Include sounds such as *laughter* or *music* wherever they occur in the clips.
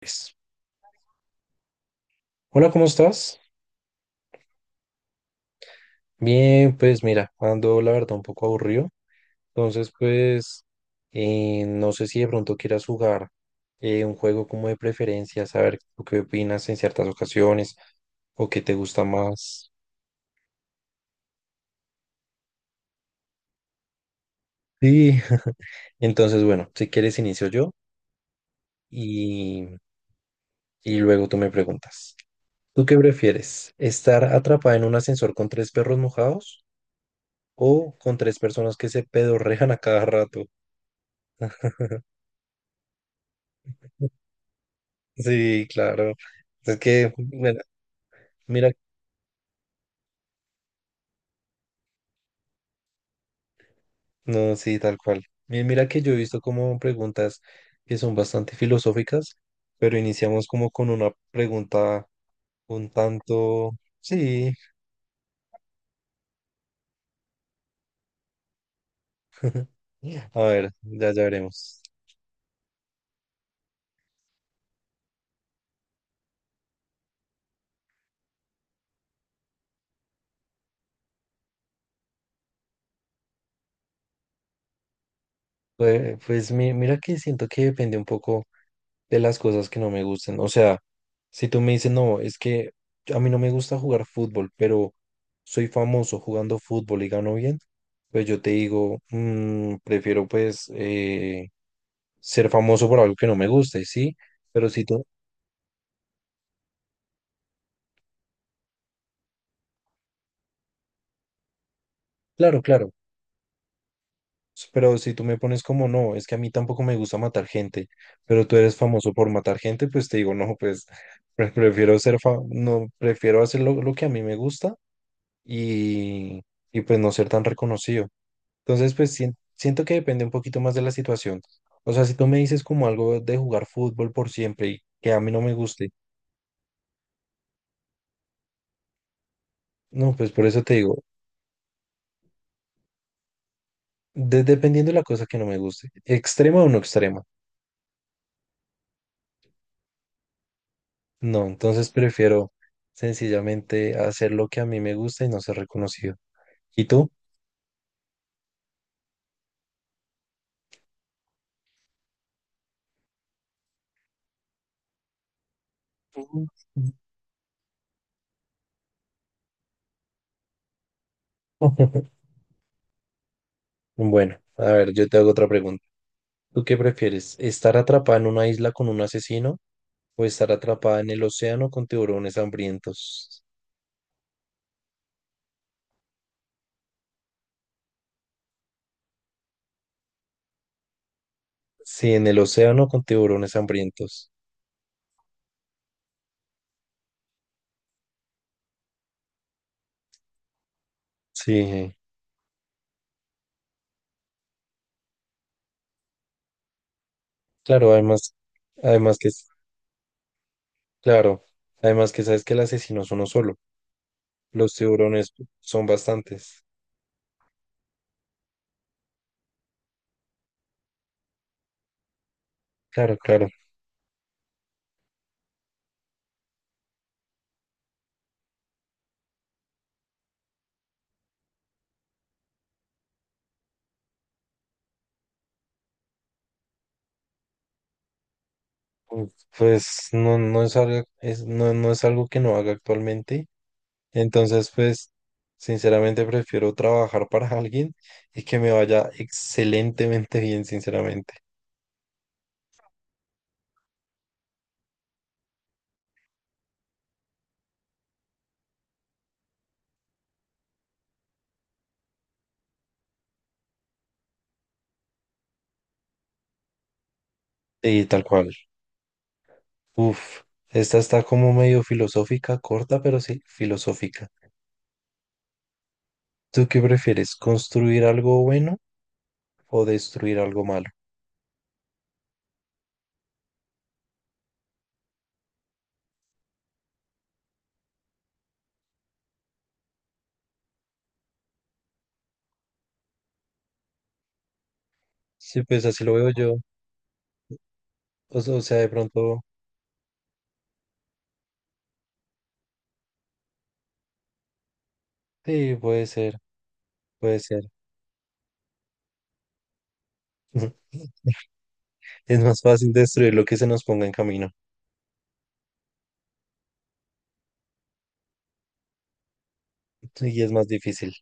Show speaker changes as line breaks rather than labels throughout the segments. Pues, hola, ¿cómo estás? Bien, pues mira, ando la verdad un poco aburrido. Entonces, pues, no sé si de pronto quieras jugar un juego como de preferencia, saber tú qué opinas en ciertas ocasiones o qué te gusta más. Sí. *laughs* Entonces, bueno, si quieres inicio yo y, y luego tú me preguntas. ¿Tú qué prefieres? ¿Estar atrapada en un ascensor con tres perros mojados o con tres personas que se pedorrejan a cada rato? Sí, claro. Es que, mira, mira, no, sí, tal cual. Mira que yo he visto como preguntas que son bastante filosóficas, pero iniciamos como con una pregunta un tanto, sí. *laughs* A ver, ya, ya veremos. Pues, mira que siento que depende un poco de las cosas que no me gustan. O sea, si tú me dices, no, es que a mí no me gusta jugar fútbol, pero soy famoso jugando fútbol y gano bien, pues yo te digo: prefiero pues ser famoso por algo que no me guste, ¿sí?". Pero si tú, claro, claro, pero si tú me pones como, no, es que a mí tampoco me gusta matar gente, pero tú eres famoso por matar gente, pues te digo, no, pues *laughs* prefiero ser, no, prefiero hacer lo que a mí me gusta y, y pues no ser tan reconocido. Entonces, pues siento que depende un poquito más de la situación. O sea, si tú me dices como algo de jugar fútbol por siempre y que a mí no me guste, no, pues por eso te digo, dependiendo de la cosa que no me guste, extrema o no extrema. No, entonces prefiero sencillamente hacer lo que a mí me gusta y no ser reconocido. ¿Y tú? Mm. *laughs* Bueno, a ver, yo te hago otra pregunta. ¿Tú qué prefieres? ¿Estar atrapada en una isla con un asesino o estar atrapada en el océano con tiburones hambrientos? Sí, en el océano con tiburones hambrientos. Sí, claro, además, además que, es- claro, además que sabes que el asesino es uno solo. Los tiburones son bastantes. Claro, claro. Uf, pues no, no es algo, no, no es algo que no haga actualmente. Entonces, pues, sinceramente prefiero trabajar para *laughs* alguien y que me vaya excelentemente bien, sinceramente. Y tal cual. Uf, esta está como medio filosófica, corta, pero sí, filosófica. ¿Tú qué prefieres, construir algo bueno o destruir algo malo? Sí, pues así lo veo yo. O sea, de pronto, sí, puede ser, puede ser. *laughs* Es más fácil destruir lo que se nos ponga en camino y es más difícil.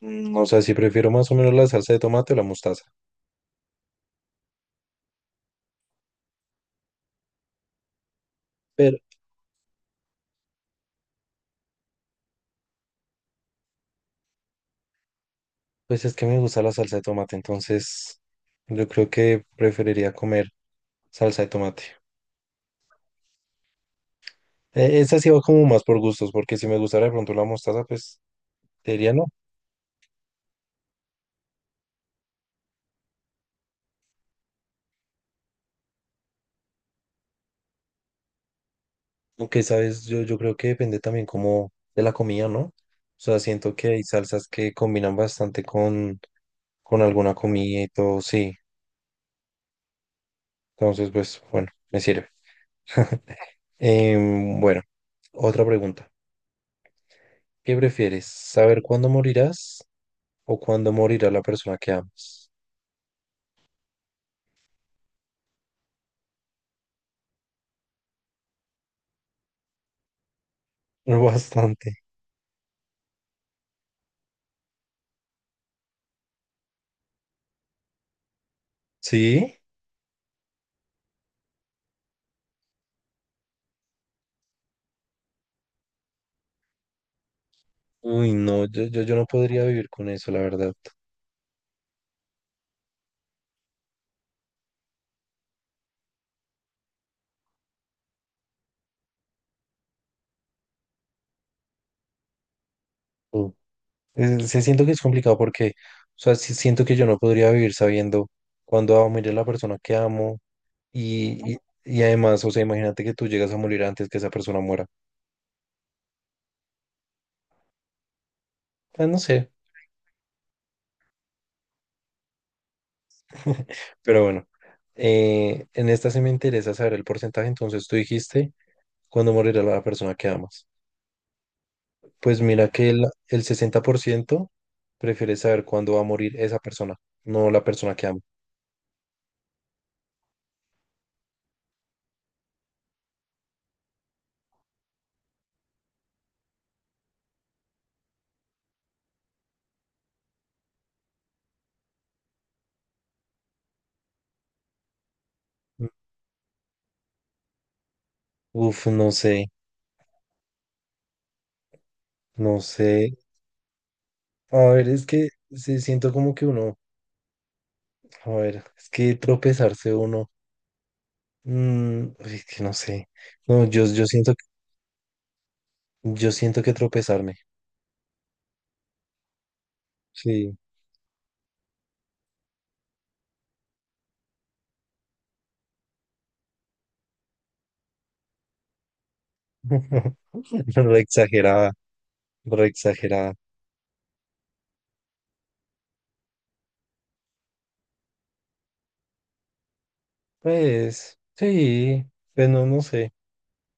O sea, si prefiero más o menos la salsa de tomate o la mostaza. Pero, pues es que me gusta la salsa de tomate, entonces yo creo que preferiría comer salsa de tomate. Esa sí va como más por gustos, porque si me gustara de pronto la mostaza, pues te diría, no. Aunque, sabes, yo creo que depende también como de la comida, ¿no? O sea, siento que hay salsas que combinan bastante con alguna comida y todo, sí. Entonces, pues, bueno, me sirve. Bueno, otra pregunta. ¿Qué prefieres? ¿Saber cuándo morirás o cuándo morirá la persona que amas? *laughs* Bastante. ¿Sí? Uy, no, yo no podría vivir con eso, la verdad. Mm. Se siento que es complicado porque, o sea, sí siento que yo no podría vivir sabiendo cuándo va a morir la persona que amo. Y, y, y además, o sea, imagínate que tú llegas a morir antes que esa persona muera. Ah, no sé, *laughs* pero bueno. En esta sí me interesa saber el porcentaje, entonces tú dijiste cuándo morirá la persona que amas. Pues mira que el 60% prefiere saber cuándo va a morir esa persona, no la persona que ama. Mm. Uf, no sé, no sé. A ver, es que se siento como que uno, a ver, es que tropezarse uno, uy, es que no sé. No, Yo siento que tropezarme. Sí. *laughs* Re exagerada, re exagerada. Pues, sí, pues no, no sé.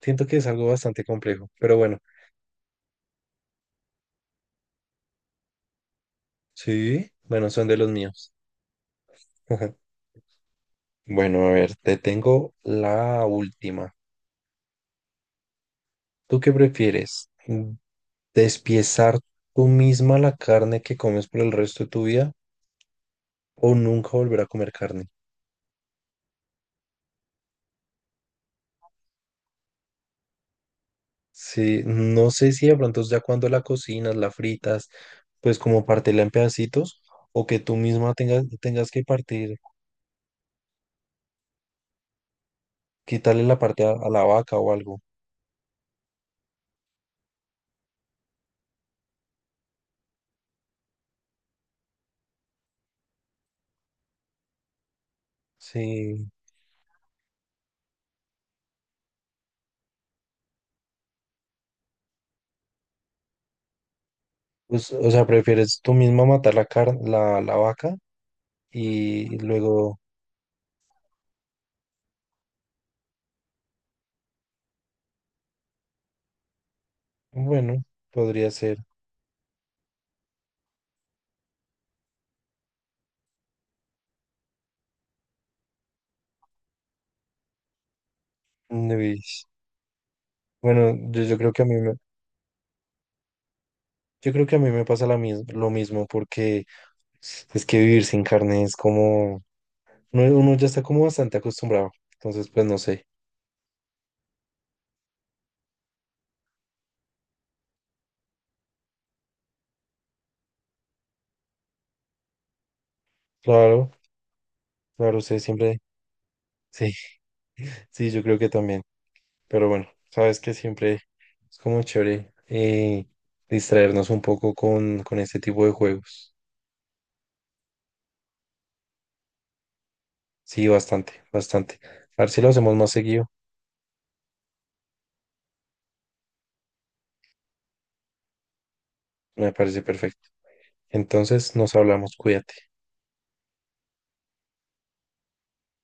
Siento que es algo bastante complejo, pero bueno, sí, bueno, son de los míos. *laughs* Bueno, a ver, te tengo la última. ¿Tú qué prefieres? ¿Despiezar tú misma la carne que comes por el resto de tu vida o nunca volver a comer carne? Sí, no sé si de pronto ya cuando la cocinas, la fritas, pues como partirla en pedacitos o que tú misma tengas que partir, quitarle la parte a la vaca o algo. Sí, pues, o sea, prefieres tú misma matar la carne, la vaca y luego, bueno, podría ser. Uy, bueno, yo creo que a mí me pasa la lo mismo porque es que vivir sin carne es como, uno ya está como bastante acostumbrado, entonces pues no sé. Claro. Claro, usted siempre, sí, *laughs* sí, yo creo que también. Pero bueno, sabes que siempre es como chévere distraernos un poco con este tipo de juegos. Sí, bastante, bastante. A ver si lo hacemos más seguido, me parece perfecto. Entonces, nos hablamos, cuídate.